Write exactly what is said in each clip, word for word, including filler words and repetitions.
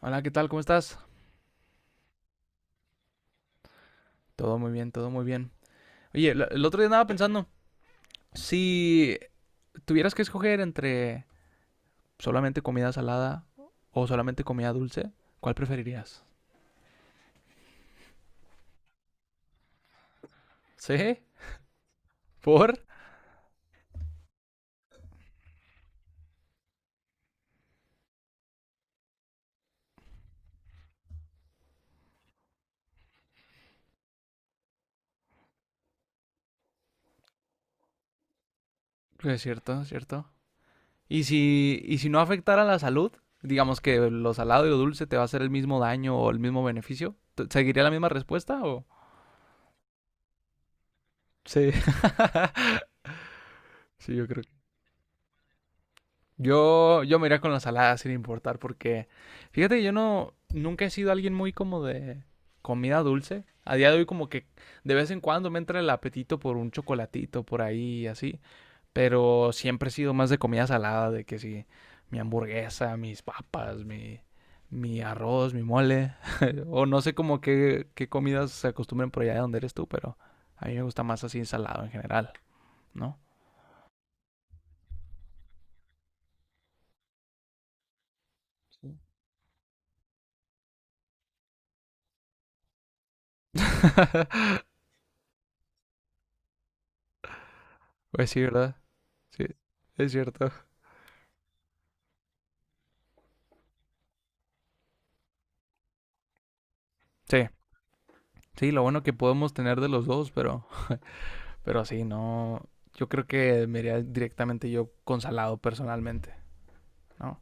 Hola, ¿qué tal? ¿Cómo estás? Todo muy bien, todo muy bien. Oye, la- el otro día andaba pensando, si tuvieras que escoger entre solamente comida salada o solamente comida dulce, ¿cuál preferirías? ¿Sí? ¿Por? Pues es cierto, es cierto. Y si, y si no afectara la salud, digamos que lo salado y lo dulce te va a hacer el mismo daño o el mismo beneficio, ¿te- ¿seguiría la misma respuesta o...? Sí, sí, yo creo. Yo, yo me iría con la salada sin importar porque fíjate que yo no nunca he sido alguien muy como de comida dulce. A día de hoy como que de vez en cuando me entra el apetito por un chocolatito por ahí así, pero siempre he sido más de comida salada, de que sí, mi hamburguesa, mis papas, mi mi arroz, mi mole o no sé como qué qué comidas se acostumbran por allá de donde eres tú, pero a mí me gusta más así ensalado en general, ¿no? Sí. Pues sí, ¿verdad? Sí, es cierto. Sí, sí, lo bueno que podemos tener de los dos, pero, pero sí, no. Yo creo que me iría directamente yo con Salado personalmente, ¿no?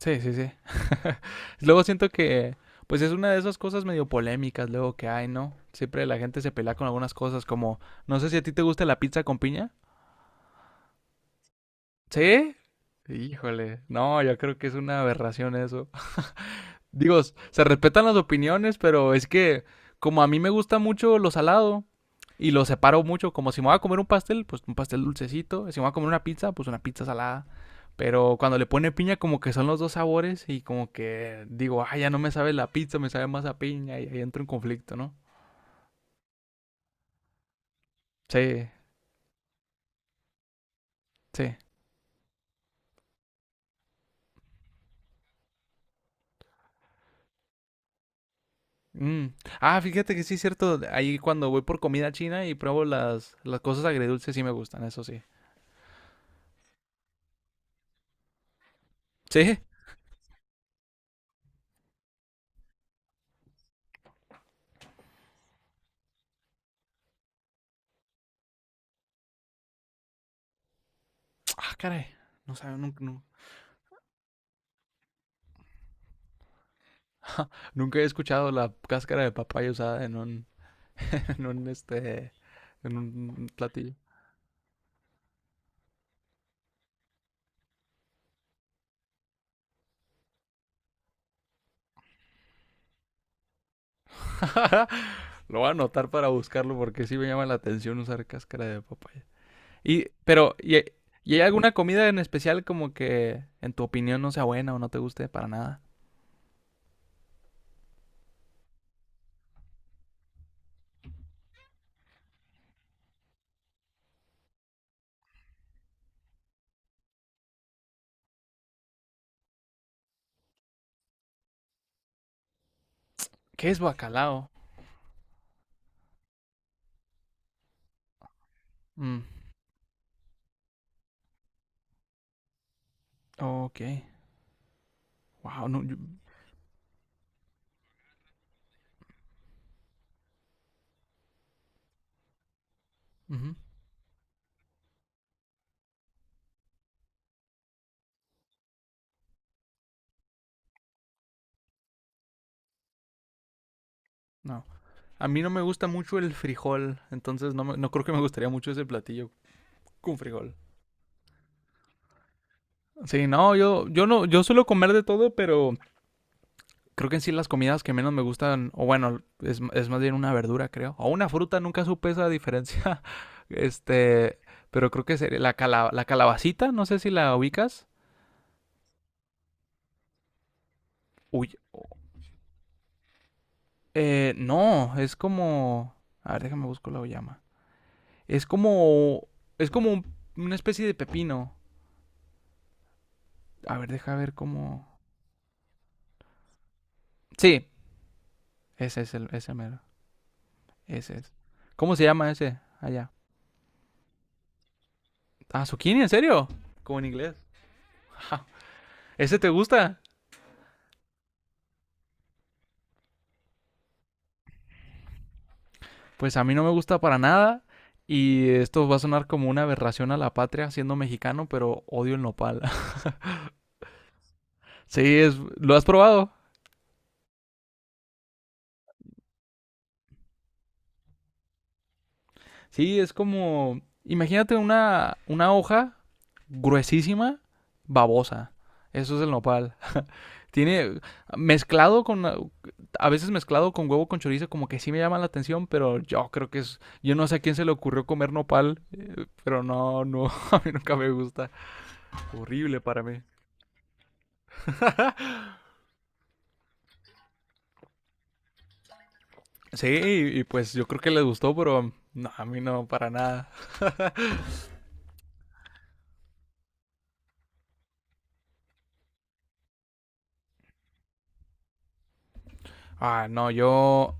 Sí, sí, sí. Luego siento que, pues es una de esas cosas medio polémicas luego que hay, ¿no? Siempre la gente se pelea con algunas cosas como, no sé si a ti te gusta la pizza con piña. ¿Sí? Híjole, no, yo creo que es una aberración eso. Digo, se respetan las opiniones, pero es que como a mí me gusta mucho lo salado y lo separo mucho, como si me voy a comer un pastel, pues un pastel dulcecito, si me voy a comer una pizza, pues una pizza salada. Pero cuando le pone piña, como que son los dos sabores y como que digo, ah, ya no me sabe la pizza, me sabe más a piña y ahí entro en conflicto, ¿no? Sí, sí. Mm. Ah, fíjate que sí es cierto, ahí cuando voy por comida china y pruebo las, las cosas agridulces, sí me gustan, eso sí. Sí. Ah, caray, no sabe, nunca, no, Nunca he escuchado la cáscara de papaya usada en un, en un, este, en un platillo. Lo voy a anotar para buscarlo porque sí me llama la atención usar cáscara de papaya. Y, pero, ¿y, y hay alguna comida en especial como que en tu opinión no sea buena o no te guste para nada? ¿Qué es bacalao? Mm, ok. Wow, no, yo- ujú, no. A mí no me gusta mucho el frijol, entonces no, me- no creo que me gustaría mucho ese platillo con frijol. Sí, no, yo, yo no, yo suelo comer de todo, pero Creo que en sí las comidas que menos me gustan, o bueno, es, es más bien una verdura, creo. O una fruta, nunca supe esa diferencia. Este, pero creo que sería la, cala- la calabacita, no sé si la ubicas. Uy, eh, no, es como... A ver, déjame buscar la llama. Es como... Es como un- una especie de pepino. A ver, deja ver cómo... Sí, ese es el... Ese mero. Ese es. ¿Cómo se llama ese? Allá. Ah, zucchini, ¿en serio? Como en inglés. ¿Ese te gusta? pues a mí no me gusta para nada y esto va a sonar como una aberración a la patria siendo mexicano, pero odio el nopal. sí, es, ¿lo has probado? Sí, es como, imagínate una, una hoja gruesísima, babosa. Eso es el nopal. Tiene mezclado con a veces mezclado con huevo con chorizo como que sí me llama la atención, pero yo creo que es yo no sé a quién se le ocurrió comer nopal, eh, pero no no a mí nunca me gusta. Horrible para mí. Sí, y, y pues yo creo que les gustó, pero no, a mí no, para nada. Ah, no, yo...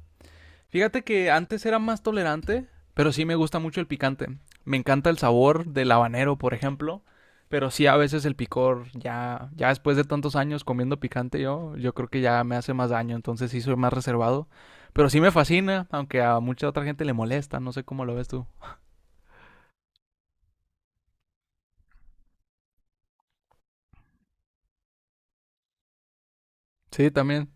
Fíjate que antes era más tolerante, pero sí me gusta mucho el picante. Me encanta el sabor del habanero, por ejemplo, pero sí a veces el picor, ya, ya después de tantos años comiendo picante yo, yo creo que ya me hace más daño, entonces sí soy más reservado. Pero sí me fascina, aunque a mucha otra gente le molesta, no sé cómo lo ves tú. Sí, también.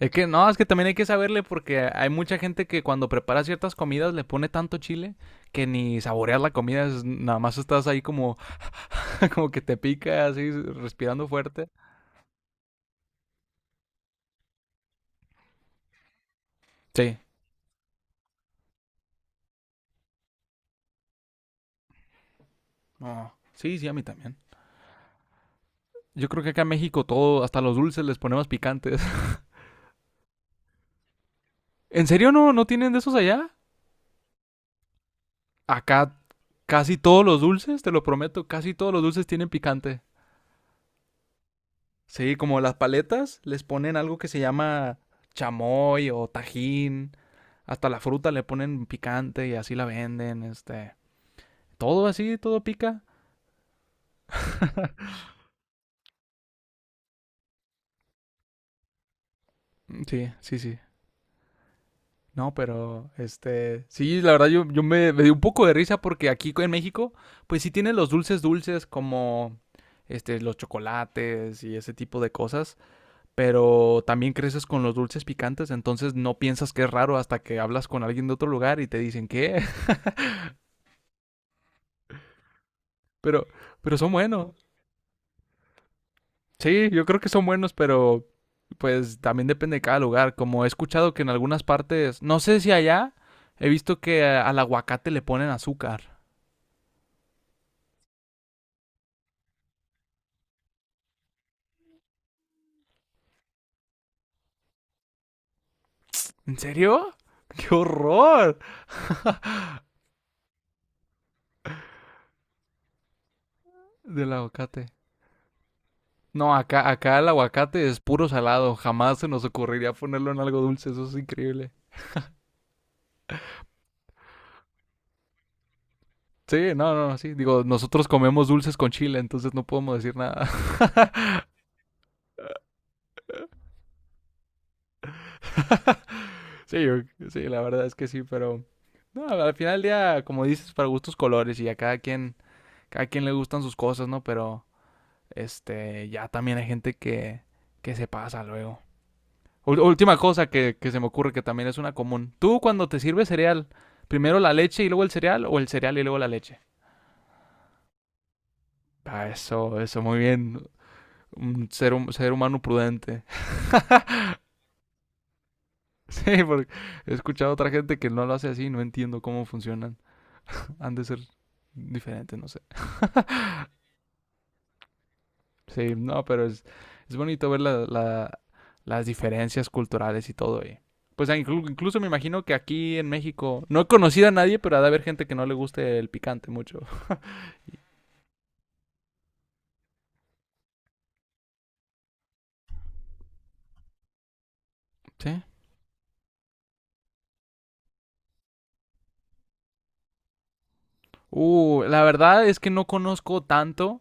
Es que no, es que también hay que saberle porque hay mucha gente que cuando prepara ciertas comidas le pone tanto chile que ni saboreas la comida, es- nada más estás ahí como, como que te pica, así, respirando fuerte. Sí. No. Sí, sí, a mí también. Yo creo que acá en México todo, hasta los dulces les ponemos picantes. ¿En serio no, no tienen de esos allá? Acá casi todos los dulces, te lo prometo, casi todos los dulces tienen picante. Sí, como las paletas les ponen algo que se llama chamoy o tajín. Hasta la fruta le ponen picante y así la venden, este. Todo así, todo pica. sí, sí, sí. No, pero este, sí, la verdad yo, yo me, me di un poco de risa porque aquí en México, pues sí tienen los dulces dulces como este, los chocolates y ese tipo de cosas, pero también creces con los dulces picantes, entonces no piensas que es raro hasta que hablas con alguien de otro lugar y te dicen que, pero, pero son buenos. Sí, yo creo que son buenos, pero pues también depende de cada lugar. Como he escuchado que en algunas partes, no sé si allá, he visto que a- al aguacate le ponen azúcar. ¿En serio? ¡Qué horror! Del aguacate. No, acá, acá el aguacate es puro salado. Jamás se nos ocurriría ponerlo en algo dulce. Eso es increíble. Sí, no, no, no, sí. Digo, nosotros comemos dulces con chile, entonces no podemos decir nada. Sí, yo- sí, la verdad es que sí, pero... No, al final del día, como dices, para gustos colores y a cada quien cada quien le gustan sus cosas, ¿no? Pero este, ya también hay gente que, que se pasa luego. última cosa que, que se me ocurre que también es una común. Tú cuando te sirves cereal, primero la leche y luego el cereal o el cereal y luego la leche. Ah, eso, eso, muy bien. Un ser, un ser humano prudente. Sí, porque he escuchado a otra gente que no lo hace así, no entiendo cómo funcionan. Han de ser diferentes, no sé. Sí, no, pero es, es bonito ver la- la- las diferencias culturales y todo. Y pues ah, inclu- incluso me imagino que aquí en México no he conocido a nadie, pero ha de haber gente que no le guste el picante mucho. Sí. Uh, la verdad es que no conozco tanto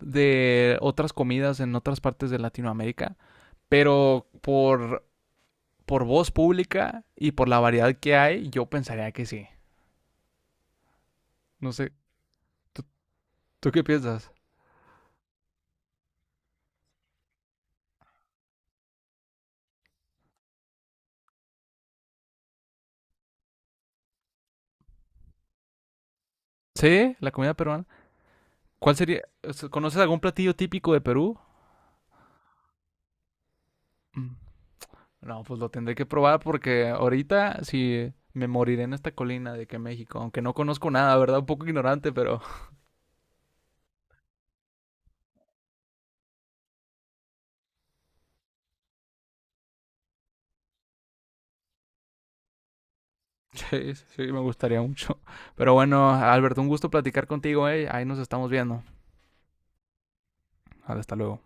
de otras comidas en otras partes de Latinoamérica, pero por, por voz pública y por la variedad que hay, yo pensaría que sí. No sé, ¿tú, tú qué piensas? ¿Sí? ¿La comida peruana? ¿Cuál sería? o sea, ¿Conoces algún platillo típico de Perú? Mm. No, pues lo tendré que probar porque ahorita sí me moriré en esta colina de que México, aunque no conozco nada, ¿verdad? Un poco ignorante, pero sí, sí, me gustaría mucho. Pero bueno, Alberto, un gusto platicar contigo, ¿eh? Ahí nos estamos viendo. Hasta luego.